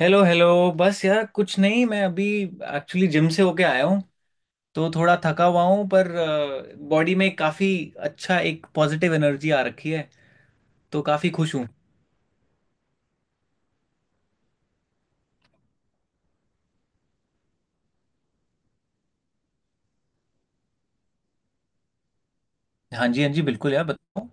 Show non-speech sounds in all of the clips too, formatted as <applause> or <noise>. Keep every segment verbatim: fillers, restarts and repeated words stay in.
Hello, hello. बस यार कुछ नहीं, मैं अभी एक्चुअली जिम से होके आया हूँ। तो थोड़ा थका हुआ हूँ, पर बॉडी में काफ़ी अच्छा एक पॉजिटिव एनर्जी आ रखी है, तो काफ़ी खुश हूँ। हाँ जी, हाँ जी, बिल्कुल यार, बताओ।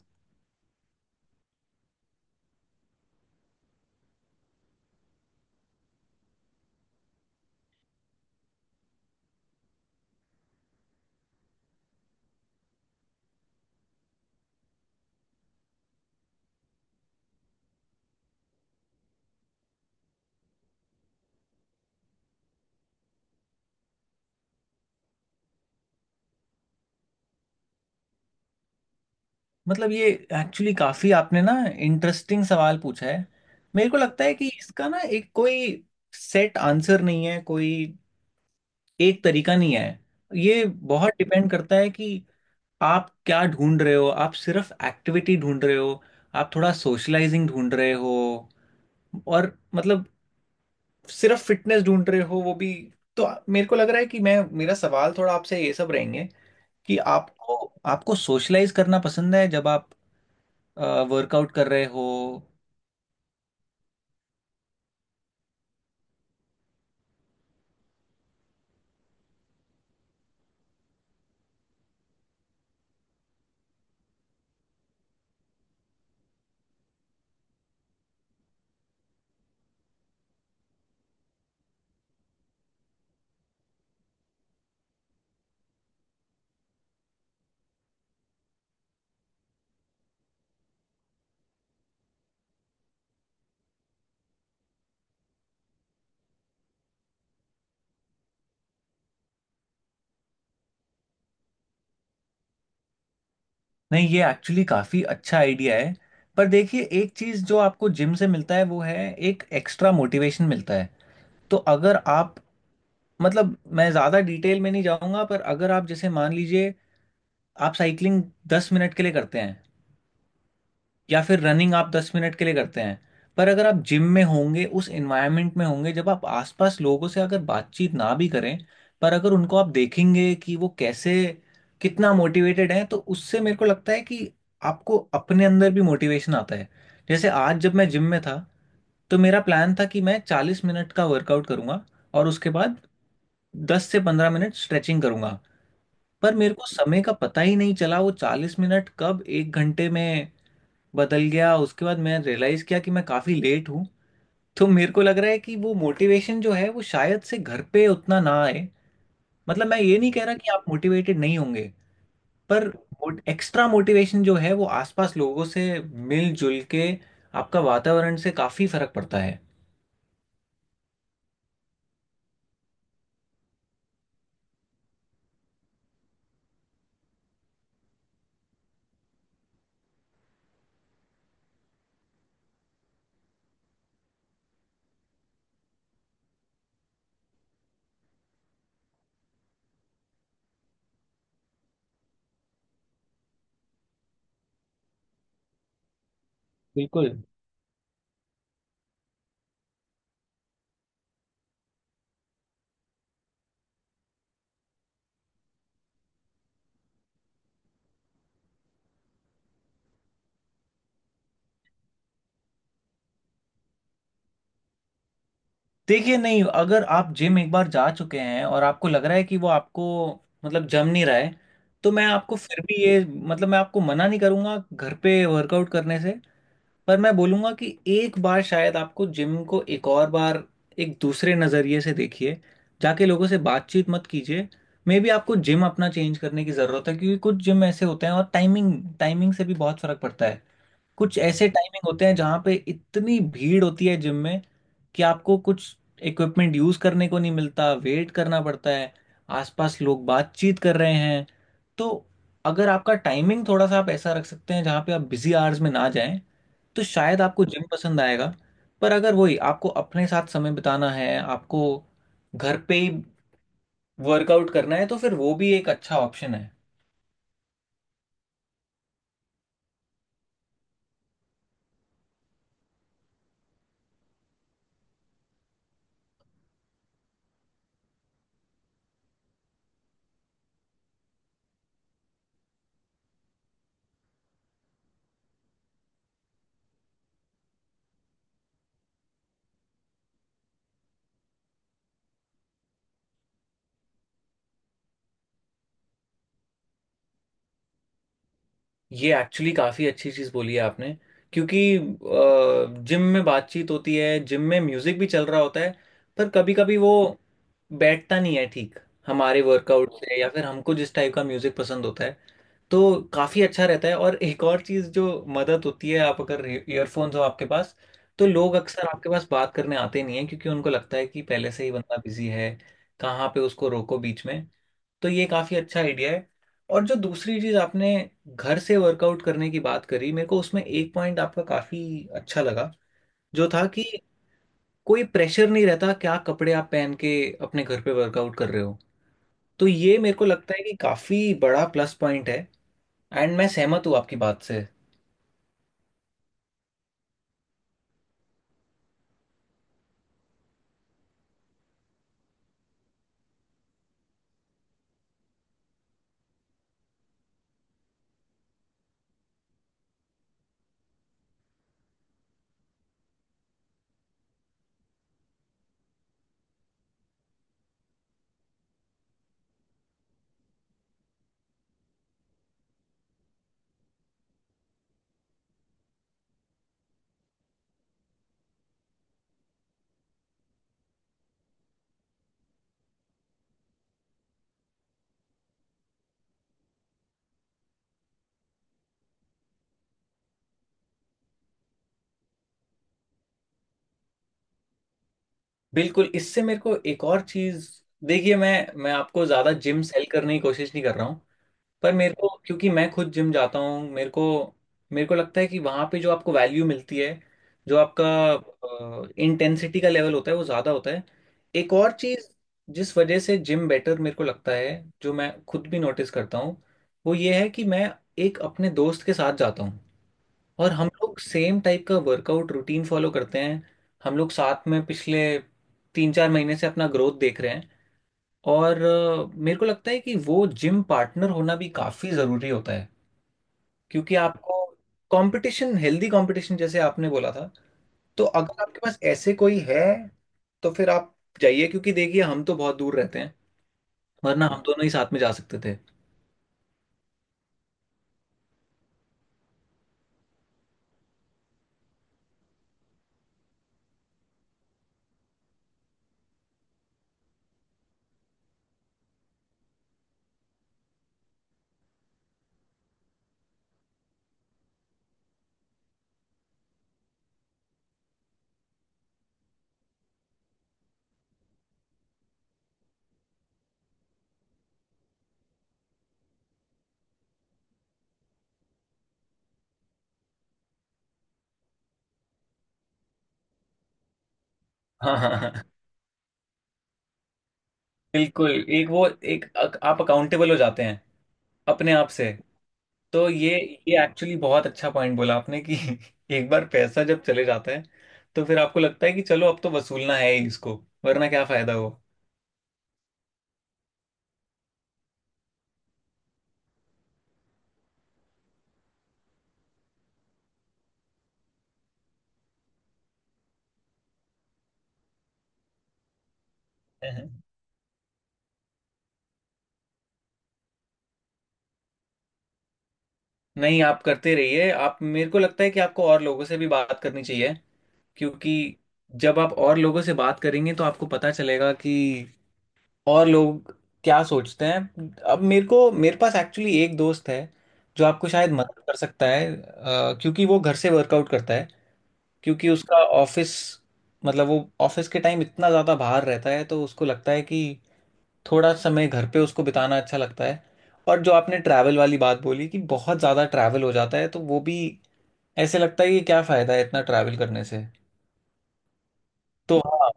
मतलब ये एक्चुअली काफ़ी आपने ना इंटरेस्टिंग सवाल पूछा है। मेरे को लगता है कि इसका ना एक कोई सेट आंसर नहीं है, कोई एक तरीका नहीं है। ये बहुत डिपेंड करता है कि आप क्या ढूंढ रहे हो, आप सिर्फ एक्टिविटी ढूंढ रहे हो, आप थोड़ा सोशलाइजिंग ढूंढ रहे हो, और मतलब सिर्फ फिटनेस ढूंढ रहे हो वो भी। तो मेरे को लग रहा है कि मैं मेरा सवाल थोड़ा आपसे ये सब रहेंगे कि आपको, आपको सोशलाइज करना पसंद है जब आप वर्कआउट कर रहे हो। नहीं, ये एक्चुअली काफ़ी अच्छा आइडिया है। पर देखिए, एक चीज़ जो आपको जिम से मिलता है वो है एक एक्स्ट्रा मोटिवेशन मिलता है। तो अगर आप मतलब मैं ज्यादा डिटेल में नहीं जाऊंगा, पर अगर आप जैसे मान लीजिए आप साइकिलिंग दस मिनट के लिए करते हैं या फिर रनिंग आप दस मिनट के लिए करते हैं। पर अगर आप जिम में होंगे, उस एनवायरनमेंट में होंगे, जब आप आसपास लोगों से अगर बातचीत ना भी करें, पर अगर उनको आप देखेंगे कि वो कैसे, कितना मोटिवेटेड है, तो उससे मेरे को लगता है कि आपको अपने अंदर भी मोटिवेशन आता है। जैसे आज जब मैं जिम में था तो मेरा प्लान था कि मैं चालीस मिनट का वर्कआउट करूंगा और उसके बाद दस से पंद्रह मिनट स्ट्रेचिंग करूंगा। पर मेरे को समय का पता ही नहीं चला, वो चालीस मिनट कब एक घंटे में बदल गया, उसके बाद मैं रियलाइज किया कि मैं काफी लेट हूँ। तो मेरे को लग रहा है कि वो मोटिवेशन जो है वो शायद से घर पे उतना ना आए। मतलब मैं ये नहीं कह रहा कि आप मोटिवेटेड नहीं होंगे, पर एक्स्ट्रा मोटिवेशन जो है वो आसपास लोगों से मिलजुल के, आपका वातावरण से काफी फर्क पड़ता है। बिल्कुल। देखिए, नहीं अगर आप जिम एक बार जा चुके हैं और आपको लग रहा है कि वो आपको मतलब जम नहीं रहा है, तो मैं आपको फिर भी ये मतलब मैं आपको मना नहीं करूंगा घर पे वर्कआउट करने से। पर मैं बोलूंगा कि एक बार शायद आपको जिम को एक और बार एक दूसरे नज़रिए से देखिए, जाके लोगों से बातचीत मत कीजिए। मे बी आपको जिम अपना चेंज करने की ज़रूरत है, क्योंकि कुछ जिम ऐसे होते हैं और टाइमिंग टाइमिंग से भी बहुत फ़र्क पड़ता है। कुछ ऐसे टाइमिंग होते हैं जहाँ पे इतनी भीड़ होती है जिम में कि आपको कुछ इक्विपमेंट यूज करने को नहीं मिलता, वेट करना पड़ता है, आसपास लोग बातचीत कर रहे हैं। तो अगर आपका टाइमिंग थोड़ा सा आप ऐसा रख सकते हैं जहाँ पे आप बिजी आवर्स में ना जाएं, तो शायद आपको जिम पसंद आएगा। पर अगर वही आपको अपने साथ समय बिताना है, आपको घर पे ही वर्कआउट करना है, तो फिर वो भी एक अच्छा ऑप्शन है। ये एक्चुअली काफ़ी अच्छी चीज़ बोली है आपने, क्योंकि जिम में बातचीत होती है, जिम में म्यूज़िक भी चल रहा होता है, पर कभी कभी वो बैठता नहीं है ठीक हमारे वर्कआउट से या फिर हमको जिस टाइप का म्यूज़िक पसंद होता है। तो काफ़ी अच्छा रहता है, और एक और चीज़ जो मदद होती है, आप अगर ईयरफोन्स हो आपके पास, तो लोग अक्सर आपके पास बात करने आते नहीं है, क्योंकि उनको लगता है कि पहले से ही बंदा बिजी है, कहाँ पे उसको रोको बीच में। तो ये काफ़ी अच्छा आइडिया है। और जो दूसरी चीज़ आपने घर से वर्कआउट करने की बात करी, मेरे को उसमें एक पॉइंट आपका काफ़ी अच्छा लगा, जो था कि कोई प्रेशर नहीं रहता क्या कपड़े आप पहन के अपने घर पे वर्कआउट कर रहे हो। तो ये मेरे को लगता है कि काफ़ी बड़ा प्लस पॉइंट है। एंड मैं सहमत हूँ आपकी बात से। बिल्कुल। इससे मेरे को एक और चीज़, देखिए मैं मैं आपको ज़्यादा जिम सेल करने की कोशिश नहीं कर रहा हूँ। पर मेरे को, क्योंकि मैं खुद जिम जाता हूँ, मेरे को मेरे को लगता है कि वहाँ पे जो आपको वैल्यू मिलती है, जो आपका इंटेंसिटी का लेवल होता है वो ज़्यादा होता है। एक और चीज़ जिस वजह से जिम बेटर मेरे को लगता है, जो मैं खुद भी नोटिस करता हूँ, वो ये है कि मैं एक अपने दोस्त के साथ जाता हूँ और हम लोग सेम टाइप का वर्कआउट रूटीन फॉलो करते हैं। हम लोग साथ में पिछले तीन चार महीने से अपना ग्रोथ देख रहे हैं। और अ, मेरे को लगता है कि वो जिम पार्टनर होना भी काफी जरूरी होता है, क्योंकि आपको कंपटीशन, हेल्दी कंपटीशन जैसे आपने बोला था। तो अगर आपके पास ऐसे कोई है तो फिर आप जाइए, क्योंकि देखिए हम तो बहुत दूर रहते हैं, वरना हम दोनों ही साथ में जा सकते थे। हाँ, हाँ, हाँ, बिल्कुल। एक वो एक अक- आप अकाउंटेबल हो जाते हैं अपने आप से। तो ये ये एक्चुअली बहुत अच्छा पॉइंट बोला आपने कि <laughs> एक बार पैसा जब चले जाता है तो फिर आपको लगता है कि चलो अब तो वसूलना है ही इसको, वरना क्या फायदा हो। हैं। नहीं, आप करते रहिए। आप, मेरे को लगता है कि आपको और लोगों से भी बात करनी चाहिए, क्योंकि जब आप और लोगों से बात करेंगे तो आपको पता चलेगा कि और लोग क्या सोचते हैं। अब मेरे को, मेरे पास एक्चुअली एक दोस्त है जो आपको शायद मदद कर सकता है, अ, क्योंकि वो घर से वर्कआउट करता है। क्योंकि उसका ऑफिस, मतलब वो ऑफिस के टाइम इतना ज़्यादा बाहर रहता है, तो उसको लगता है कि थोड़ा समय घर पे उसको बिताना अच्छा लगता है। और जो आपने ट्रैवल वाली बात बोली कि बहुत ज़्यादा ट्रैवल हो जाता है, तो वो भी ऐसे लगता है कि क्या फ़ायदा है इतना ट्रैवल करने से। तो हाँ,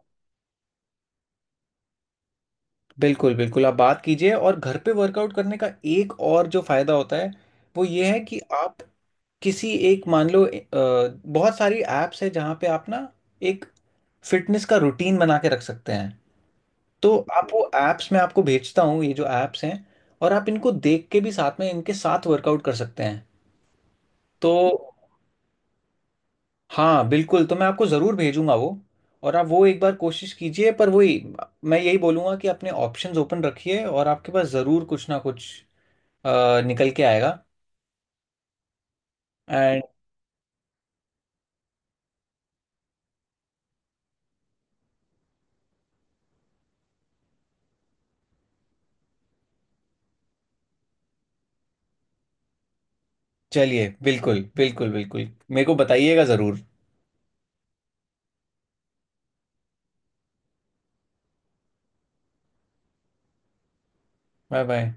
बिल्कुल बिल्कुल आप बात कीजिए, और घर पे वर्कआउट करने का एक और जो फ़ायदा होता है, वो ये है कि आप किसी एक मान लो, अ, बहुत सारी ऐप्स है जहाँ पे आप ना एक फिटनेस का रूटीन बना के रख सकते हैं। तो आप वो ऐप्स मैं आपको भेजता हूँ, ये जो ऐप्स हैं, और आप इनको देख के भी साथ में इनके साथ वर्कआउट कर सकते हैं। तो हाँ बिल्कुल, तो मैं आपको ज़रूर भेजूंगा वो, और आप वो एक बार कोशिश कीजिए, पर वही मैं यही बोलूँगा कि अपने ऑप्शंस ओपन रखिए और आपके पास ज़रूर कुछ ना कुछ अ, निकल के आएगा। एंड चलिए, बिल्कुल बिल्कुल बिल्कुल, मेरे को बताइएगा ज़रूर। Bye bye.